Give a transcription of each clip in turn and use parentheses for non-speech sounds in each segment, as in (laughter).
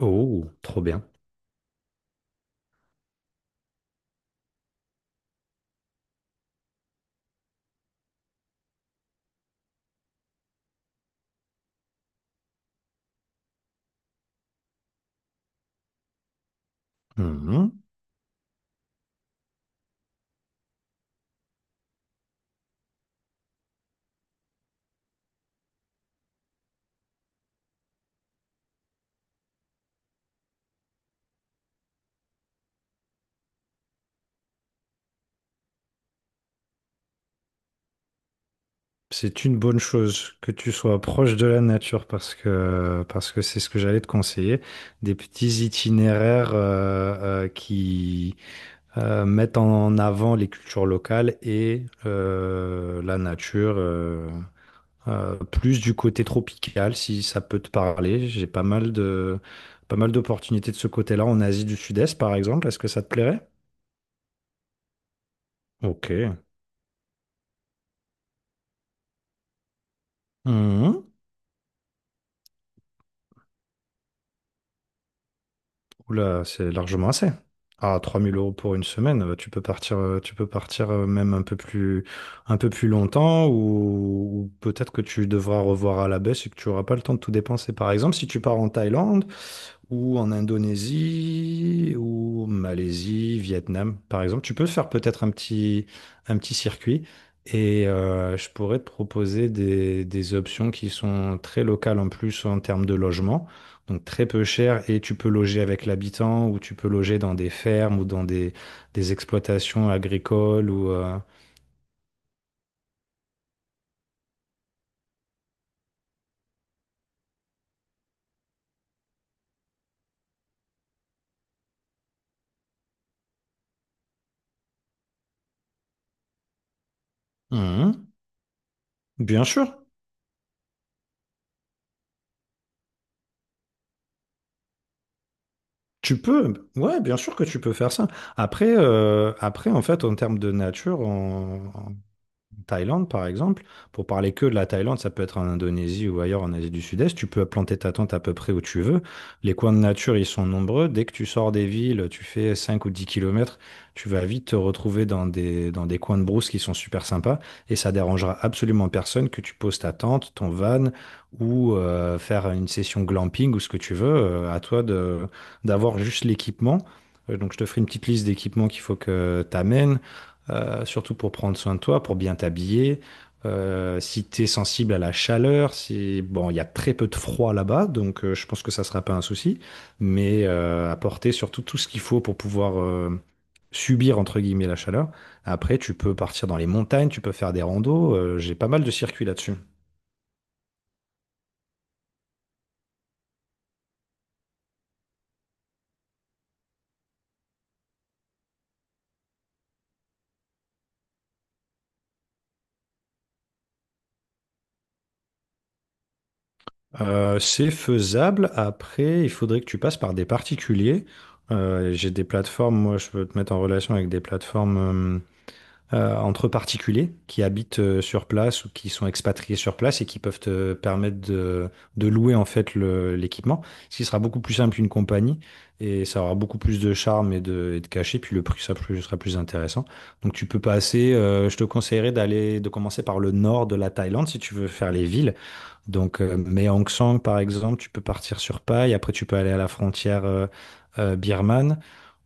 Oh, trop bien. Mhm. C'est une bonne chose que tu sois proche de la nature parce que c'est ce que j'allais te conseiller. Des petits itinéraires qui mettent en avant les cultures locales et la nature. Plus du côté tropical, si ça peut te parler. J'ai pas mal d'opportunités de ce côté-là en Asie du Sud-Est, par exemple. Est-ce que ça te plairait? Ok. Mhm. Oula, c'est largement assez. Ah, 3 000 € pour une semaine, tu peux partir, même un peu plus longtemps ou peut-être que tu devras revoir à la baisse et que tu n'auras pas le temps de tout dépenser. Par exemple, si tu pars en Thaïlande, ou en Indonésie, ou Malaisie, Vietnam, par exemple. Tu peux faire peut-être un petit circuit et je pourrais te proposer des options qui sont très locales en plus en termes de logement, donc très peu cher et tu peux loger avec l'habitant ou tu peux loger dans des fermes ou dans des exploitations agricoles ou. Hum, Bien sûr. Tu peux, ouais, bien sûr que tu peux faire ça. Après, en fait, en termes de nature, Thaïlande, par exemple, pour parler que de la Thaïlande, ça peut être en Indonésie ou ailleurs en Asie du Sud-Est, tu peux planter ta tente à peu près où tu veux. Les coins de nature, ils sont nombreux. Dès que tu sors des villes, tu fais 5 ou 10 kilomètres, tu vas vite te retrouver dans des coins de brousse qui sont super sympas et ça dérangera absolument personne que tu poses ta tente, ton van ou faire une session glamping ou ce que tu veux. À toi d'avoir juste l'équipement. Donc, je te ferai une petite liste d'équipements qu'il faut que tu amènes surtout pour prendre soin de toi, pour bien t'habiller. Si tu es sensible à la chaleur, si bon, il y a très peu de froid là-bas, donc je pense que ça sera pas un souci, mais apporter surtout tout ce qu'il faut pour pouvoir subir entre guillemets la chaleur. Après, tu peux partir dans les montagnes, tu peux faire des randos. J'ai pas mal de circuits là-dessus. C'est faisable. Après, il faudrait que tu passes par des particuliers. J'ai des plateformes. Moi, je peux te mettre en relation avec des plateformes. Entre particuliers qui habitent sur place ou qui sont expatriés sur place et qui peuvent te permettre de louer en fait l'équipement, ce qui sera beaucoup plus simple qu'une compagnie et ça aura beaucoup plus de charme et de cachet, puis le prix sera plus intéressant. Donc tu peux passer, je te conseillerais d'aller, de commencer par le nord de la Thaïlande si tu veux faire les villes. Donc Mae Hong Son par exemple, tu peux partir sur Pai, après tu peux aller à la frontière birmane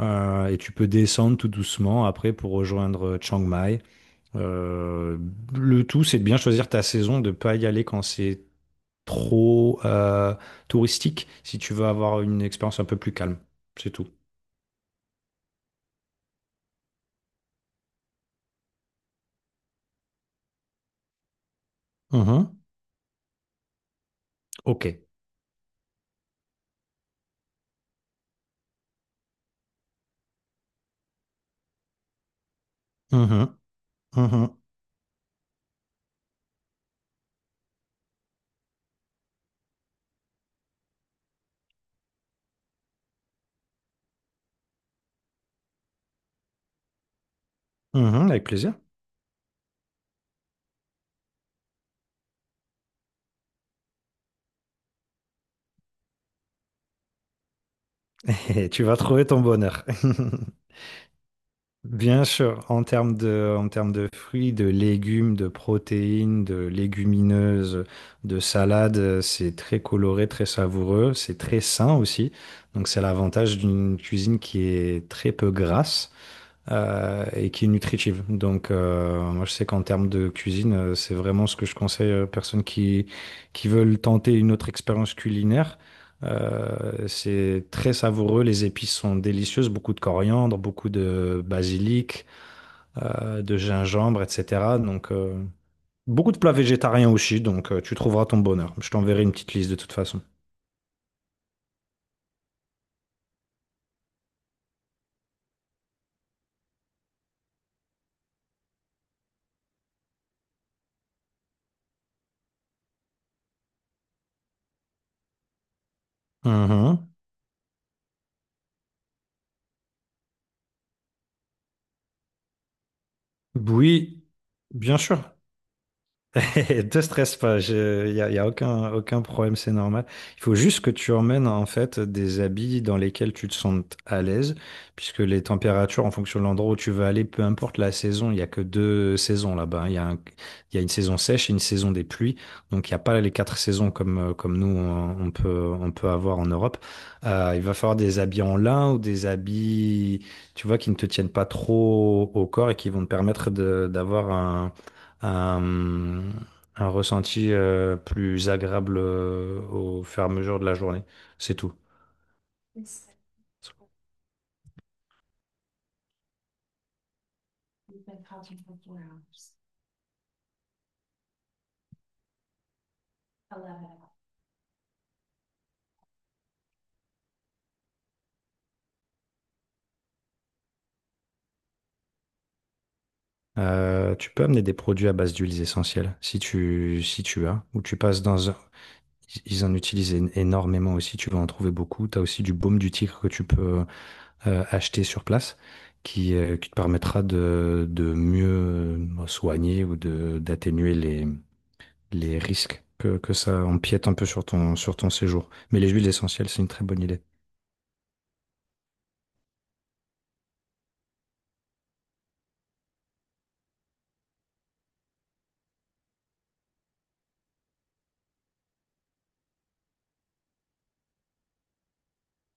et tu peux descendre tout doucement après pour rejoindre Chiang Mai. Euh, le tout, c'est de bien choisir ta saison, de pas y aller quand c'est trop touristique, si tu veux avoir une expérience un peu plus calme. C'est tout. Mhm. Ok. Mhm. Mhm. Mhm. Avec plaisir. (laughs) Tu vas trouver ton bonheur. (laughs) Bien sûr, en termes de fruits, de légumes, de protéines, de légumineuses, de salades, c'est très coloré, très savoureux, c'est très sain aussi. Donc c'est l'avantage d'une cuisine qui est très peu grasse et qui est nutritive. Donc, moi, je sais qu'en termes de cuisine, c'est vraiment ce que je conseille aux personnes qui veulent tenter une autre expérience culinaire. C'est très savoureux, les épices sont délicieuses, beaucoup de coriandre, beaucoup de basilic, de gingembre, etc. Donc, beaucoup de plats végétariens aussi, donc tu trouveras ton bonheur. Je t'enverrai une petite liste de toute façon. Mhm. Oui, bien sûr. (laughs) Te stresse pas, y a aucun problème, c'est normal. Il faut juste que tu emmènes en fait des habits dans lesquels tu te sentes à l'aise, puisque les températures, en fonction de l'endroit où tu veux aller, peu importe la saison, il n'y a que deux saisons là-bas, hein. Il y a une saison sèche et une saison des pluies, donc il n'y a pas les quatre saisons comme, comme nous on peut avoir en Europe. Il va falloir des habits en lin ou des habits, tu vois, qui ne te tiennent pas trop au corps et qui vont te permettre d'avoir un, un ressenti plus agréable au fur et à mesure de la journée. C'est tout. Tu peux amener des produits à base d'huiles essentielles, si tu as, ou tu passes dans un. Ils en utilisent énormément aussi, tu vas en trouver beaucoup. Tu as aussi du baume du tigre que tu peux acheter sur place, qui te permettra de mieux soigner ou d'atténuer les risques que ça empiète un peu sur ton séjour. Mais les huiles essentielles, c'est une très bonne idée.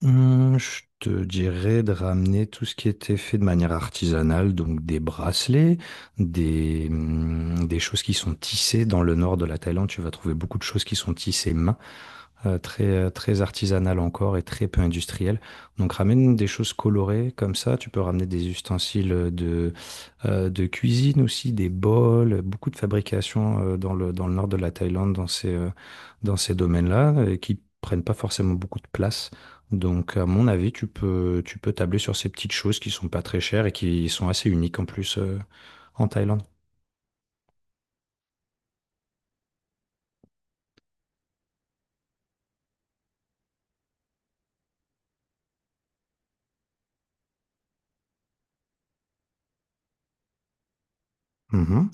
Je te dirais de ramener tout ce qui était fait de manière artisanale, donc des bracelets, des choses qui sont tissées. Dans le nord de la Thaïlande, tu vas trouver beaucoup de choses qui sont tissées main, très, très artisanales encore et très peu industrielles. Donc ramène des choses colorées comme ça. Tu peux ramener des ustensiles de cuisine aussi, des bols, beaucoup de fabrication dans le nord de la Thaïlande, dans ces domaines-là, qui prennent pas forcément beaucoup de place. Donc, à mon avis, tu peux tabler sur ces petites choses qui sont pas très chères et qui sont assez uniques en plus en Thaïlande. Mm-hmm.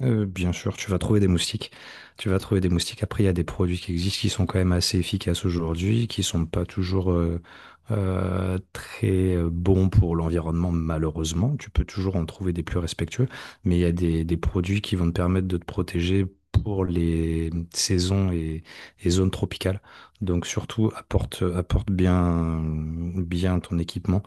Bien sûr, tu vas trouver des moustiques. Tu vas trouver des moustiques. Après, il y a des produits qui existent qui sont quand même assez efficaces aujourd'hui, qui sont pas toujours très bons pour l'environnement, malheureusement. Tu peux toujours en trouver des plus respectueux, mais il y a des produits qui vont te permettre de te protéger pour les saisons et zones tropicales. Donc surtout, apporte, apporte bien, bien ton équipement.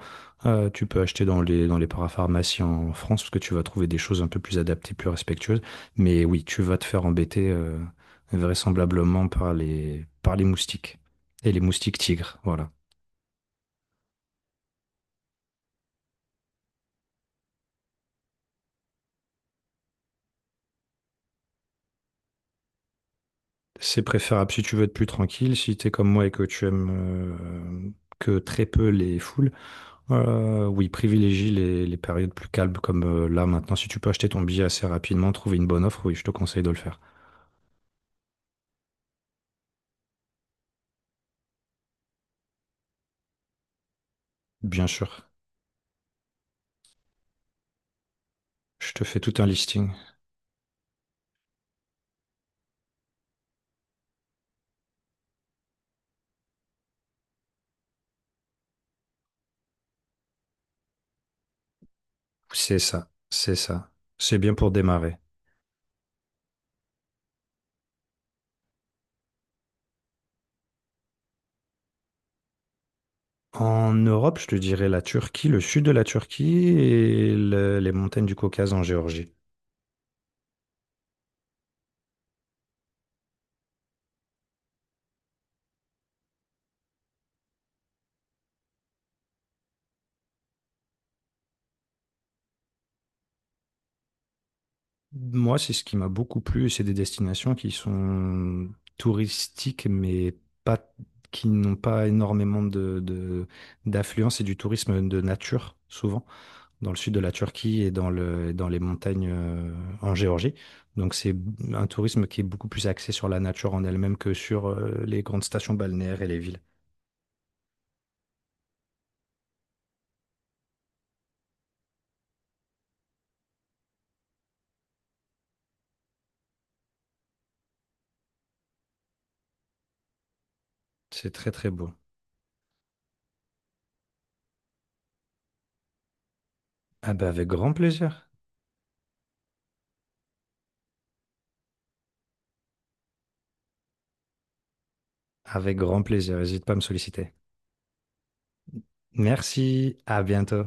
Tu peux acheter dans les parapharmacies en France parce que tu vas trouver des choses un peu plus adaptées, plus respectueuses. Mais oui, tu vas te faire embêter vraisemblablement par les moustiques et les moustiques tigres. Voilà. C'est préférable si tu veux être plus tranquille, si tu es comme moi et que tu aimes que très peu les foules. Oui, privilégie les périodes plus calmes comme là maintenant. Si tu peux acheter ton billet assez rapidement, trouver une bonne offre, oui, je te conseille de le faire. Bien sûr. Je te fais tout un listing. C'est ça, c'est ça. C'est bien pour démarrer. En Europe, je te dirais la Turquie, le sud de la Turquie et les montagnes du Caucase en Géorgie. Moi, c'est ce qui m'a beaucoup plu, et c'est des destinations qui sont touristiques, mais pas, qui n'ont pas énormément d'affluence et du tourisme de nature, souvent, dans le sud de la Turquie et dans le, et dans les montagnes en Géorgie. Donc, c'est un tourisme qui est beaucoup plus axé sur la nature en elle-même que sur les grandes stations balnéaires et les villes. C'est très, très beau. Ah bah, avec grand plaisir. Avec grand plaisir, n'hésite pas à me solliciter. Merci, à bientôt.